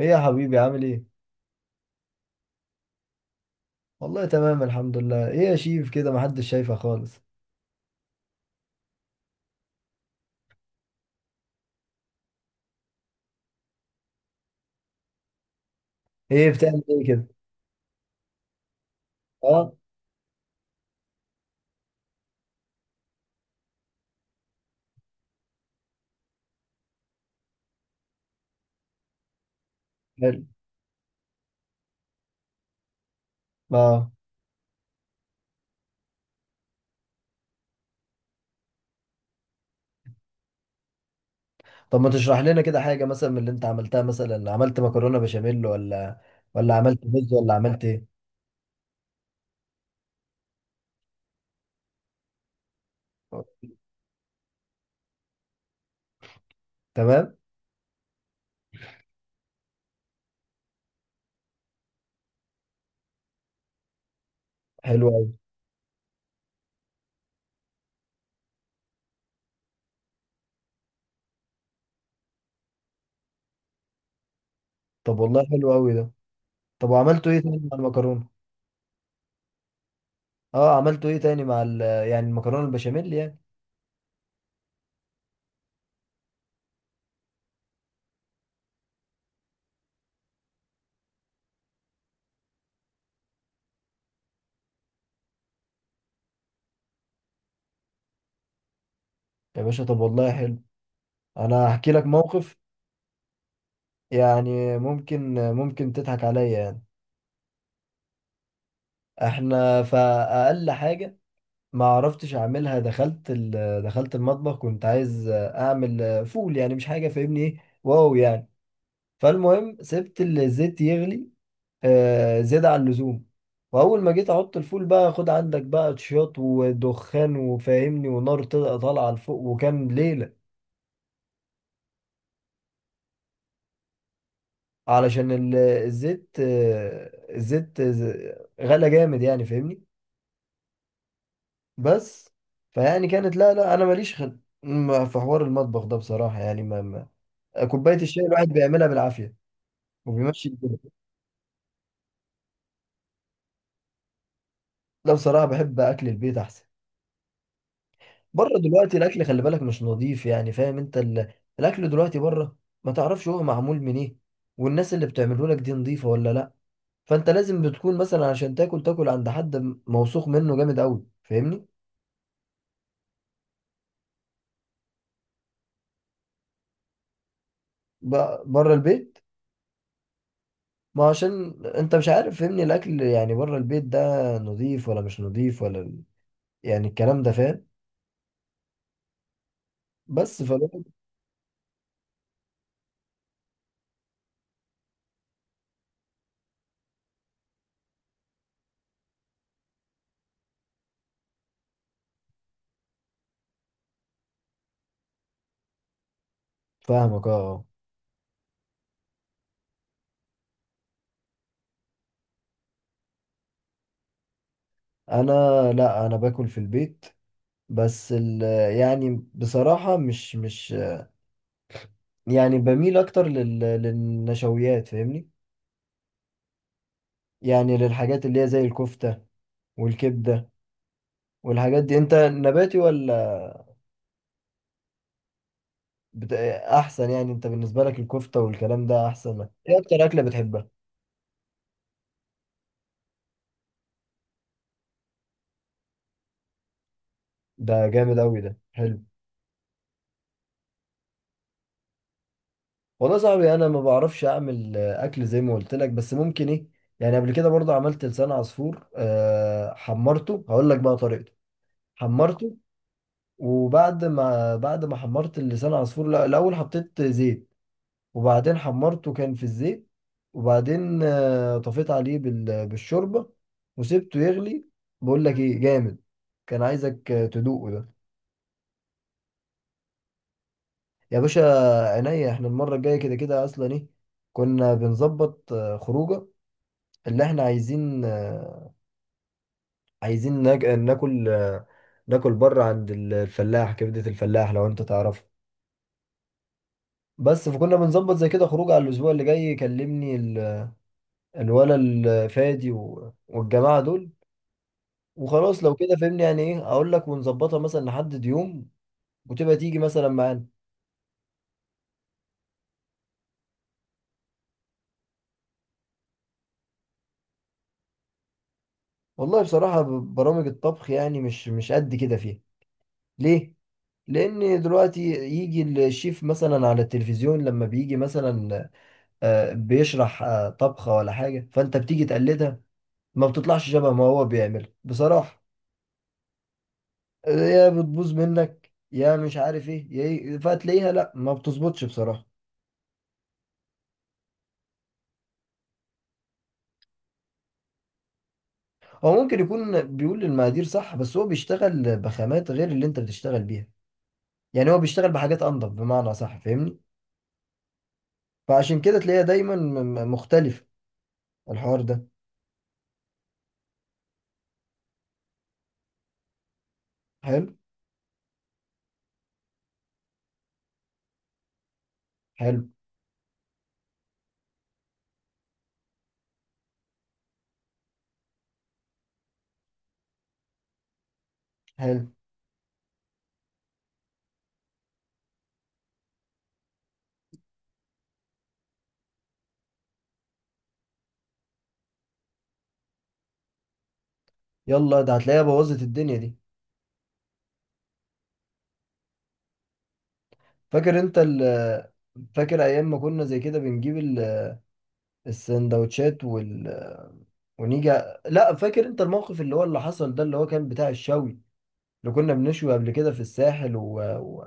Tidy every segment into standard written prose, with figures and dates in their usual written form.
ايه يا حبيبي، عامل ايه؟ والله تمام الحمد لله. ايه يا شيف، كده محدش شايفه خالص. ايه بتعمل ايه كده؟ اه. حلو. اه. طب ما تشرح لنا كده حاجة مثلا من اللي انت عملتها. مثلا عملت مكرونة بشاميل، ولا عملت رز، ولا عملت ايه؟ تمام؟ حلو قوي. طب والله حلو قوي ده. طب وعملتوا ايه تاني مع المكرونة؟ اه، عملتوا ايه تاني مع ال يعني المكرونة البشاميل يعني؟ يا باشا، طب والله حلو. انا هحكي لك موقف، يعني ممكن تضحك عليا يعني. احنا فأقل حاجة ما عرفتش اعملها. دخلت المطبخ، كنت عايز اعمل فول، يعني مش حاجه فاهمني ايه، واو يعني. فالمهم سبت الزيت يغلي زيادة عن اللزوم. واول ما جيت احط الفول بقى، خد عندك بقى تشياط ودخان وفاهمني، ونار طالعه لفوق، وكان ليله. علشان الزيت، غلى جامد يعني فاهمني. بس فيعني كانت، لا لا انا ماليش خل... ما- في حوار المطبخ ده بصراحه يعني. كوبايه الشاي الواحد بيعملها بالعافيه وبيمشي الدنيا. لا بصراحه بحب اكل البيت احسن. بره دلوقتي الاكل، خلي بالك، مش نظيف، يعني فاهم انت الاكل دلوقتي بره. ما تعرفش هو معمول من ايه، والناس اللي بتعمله لك دي نظيفه ولا لا. فانت لازم بتكون مثلا عشان تاكل تاكل عند حد موثوق منه جامد قوي فاهمني. بره البيت، ما عشان انت مش عارف فاهمني، الاكل يعني بره البيت ده نظيف ولا مش نظيف ولا يعني الكلام ده فاهم. بس فاهم. فاهمك اه آه. انا، لا، انا باكل في البيت. بس ال، يعني بصراحة مش يعني بميل اكتر للنشويات فاهمني. يعني للحاجات اللي هي زي الكفتة والكبدة والحاجات دي. انت نباتي ولا احسن؟ يعني انت بالنسبة لك الكفتة والكلام ده احسن لك. ايه اكتر اكلة بتحبها؟ ده جامد اوي، ده حلو. والله يا صاحبي انا ما بعرفش اعمل اكل زي ما قلت لك، بس ممكن ايه، يعني قبل كده برضه عملت لسان عصفور. حمرته. هقول لك بقى طريقته. حمرته، وبعد ما حمرت اللسان عصفور، لا الاول حطيت زيت، وبعدين حمرته كان في الزيت. وبعدين طفيت عليه بالشوربه وسبته يغلي. بقول لك ايه جامد، كان عايزك تدوقه ده. يا باشا، عينيا، احنا المره الجايه كده كده اصلا ايه. كنا بنظبط خروجه، اللي احنا عايزين عايزين ناك- ناكل آه، ناكل بره عند الفلاح، كبده الفلاح لو انت تعرفه. بس فكنا بنظبط زي كده خروج على الاسبوع اللي جاي. يكلمني الولا الفادي والجماعه دول، وخلاص لو كده فهمني، يعني ايه، اقول لك ونظبطها مثلا، نحدد يوم وتبقى تيجي مثلا معانا. والله بصراحه برامج الطبخ يعني مش قد كده فيها. ليه؟ لان دلوقتي يجي الشيف مثلا على التلفزيون، لما بيجي مثلا بيشرح طبخه ولا حاجه، فانت بتيجي تقلدها، ما بتطلعش شبه ما هو بيعمل بصراحه. يا بتبوظ منك، يا مش عارف ايه، يا ايه، فتلاقيها لا ما بتظبطش بصراحة. هو ممكن يكون بيقول للمقادير صح، بس هو بيشتغل بخامات غير اللي انت بتشتغل بيها، يعني هو بيشتغل بحاجات انضف بمعنى صح فاهمني. فعشان كده تلاقيها دايما مختلفة، الحوار ده. حلو. حلو. حلو. يلا ده، هتلاقيها بوظت الدنيا دي. فاكر انت فاكر ايام ما كنا زي كده بنجيب السندوتشات ونيجي. لا فاكر انت الموقف اللي هو اللي حصل ده، اللي هو كان بتاع الشوي، اللي كنا بنشوي قبل كده في الساحل و...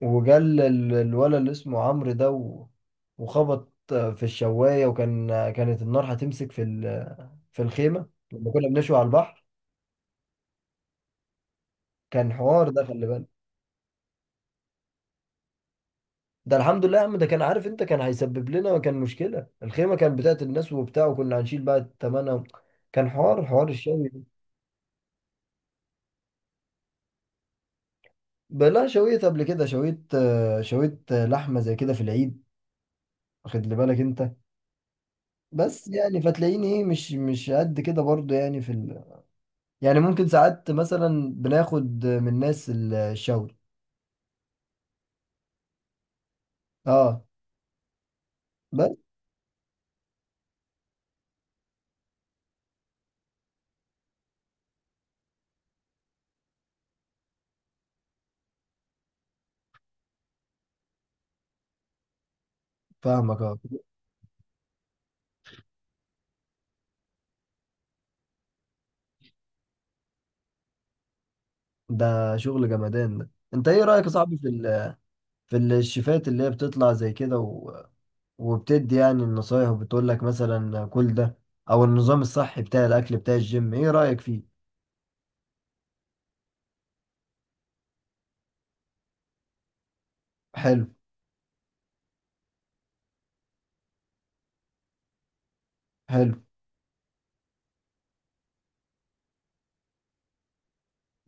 وجل الولد اللي اسمه عمرو ده وخبط في الشواية، وكان كانت النار هتمسك في الخيمة لما كنا بنشوي على البحر. كان حوار ده، خلي بالك. ده الحمد لله يا عم، ده كان، عارف انت، كان هيسبب لنا، كان مشكلة، الخيمة كانت بتاعت الناس وبتاع، وكنا هنشيل بقى تمنها. كان حوار الشوي. ده لا شويت قبل كده، شويت لحمة زي كده في العيد. واخد لي بالك انت. بس يعني فتلاقيني ايه، مش قد كده برضه يعني يعني ممكن ساعات مثلا بناخد من ناس الشاور. اه بس. فاهمك اه. ده شغل جمدان ده. انت ايه رأيك يا صاحبي في الشيفات اللي هي بتطلع زي كده وبتدي يعني النصايح، وبتقول لك مثلا كل ده، او النظام الصحي بتاع الاكل بتاع الجيم؟ ايه رأيك فيه؟ حلو. حلو.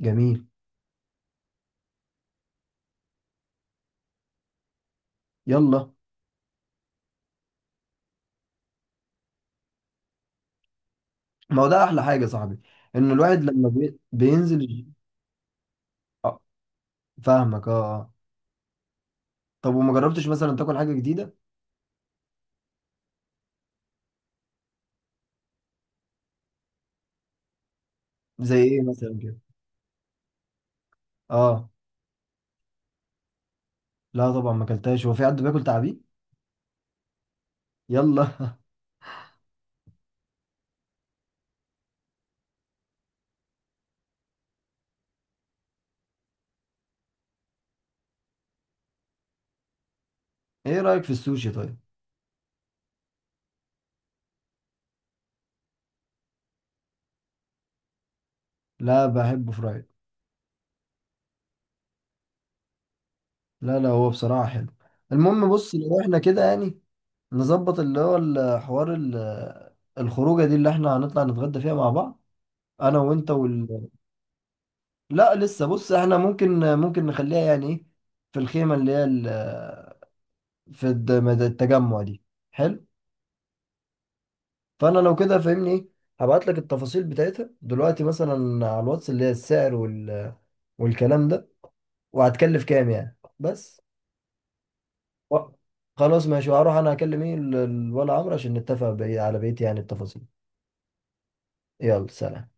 جميل. يلا. ما هو ده احلى حاجة يا صاحبي، ان الواحد لما بينزل الجيم. آه. فاهمك اه اه. طب وما جربتش مثلا تاكل حاجة جديدة؟ زي ايه مثلا كده؟ اه. لا طبعا ما اكلتهاش، هو في حد بياكل تعابين؟ يلا. ايه رايك في السوشي طيب؟ لا بحبه فرايد. لا لا، هو بصراحه حلو. المهم بص لو احنا كده يعني نظبط اللي هو الحوار الخروجه دي، اللي احنا هنطلع نتغدى فيها مع بعض، انا وانت وال. لا لسه، بص احنا ممكن نخليها يعني ايه، في الخيمه اللي هي في الد- التجمع دي. حلو. فانا لو كده فاهمني ايه، هبعت لك التفاصيل بتاعتها دلوقتي مثلا على الواتس، اللي هي السعر والكلام ده، وهتكلف كام يعني بس. و- خلاص ماشي. وهروح انا اكلم ايه ولا عمرو عشان نتفق على بقية يعني التفاصيل. يلا سلام.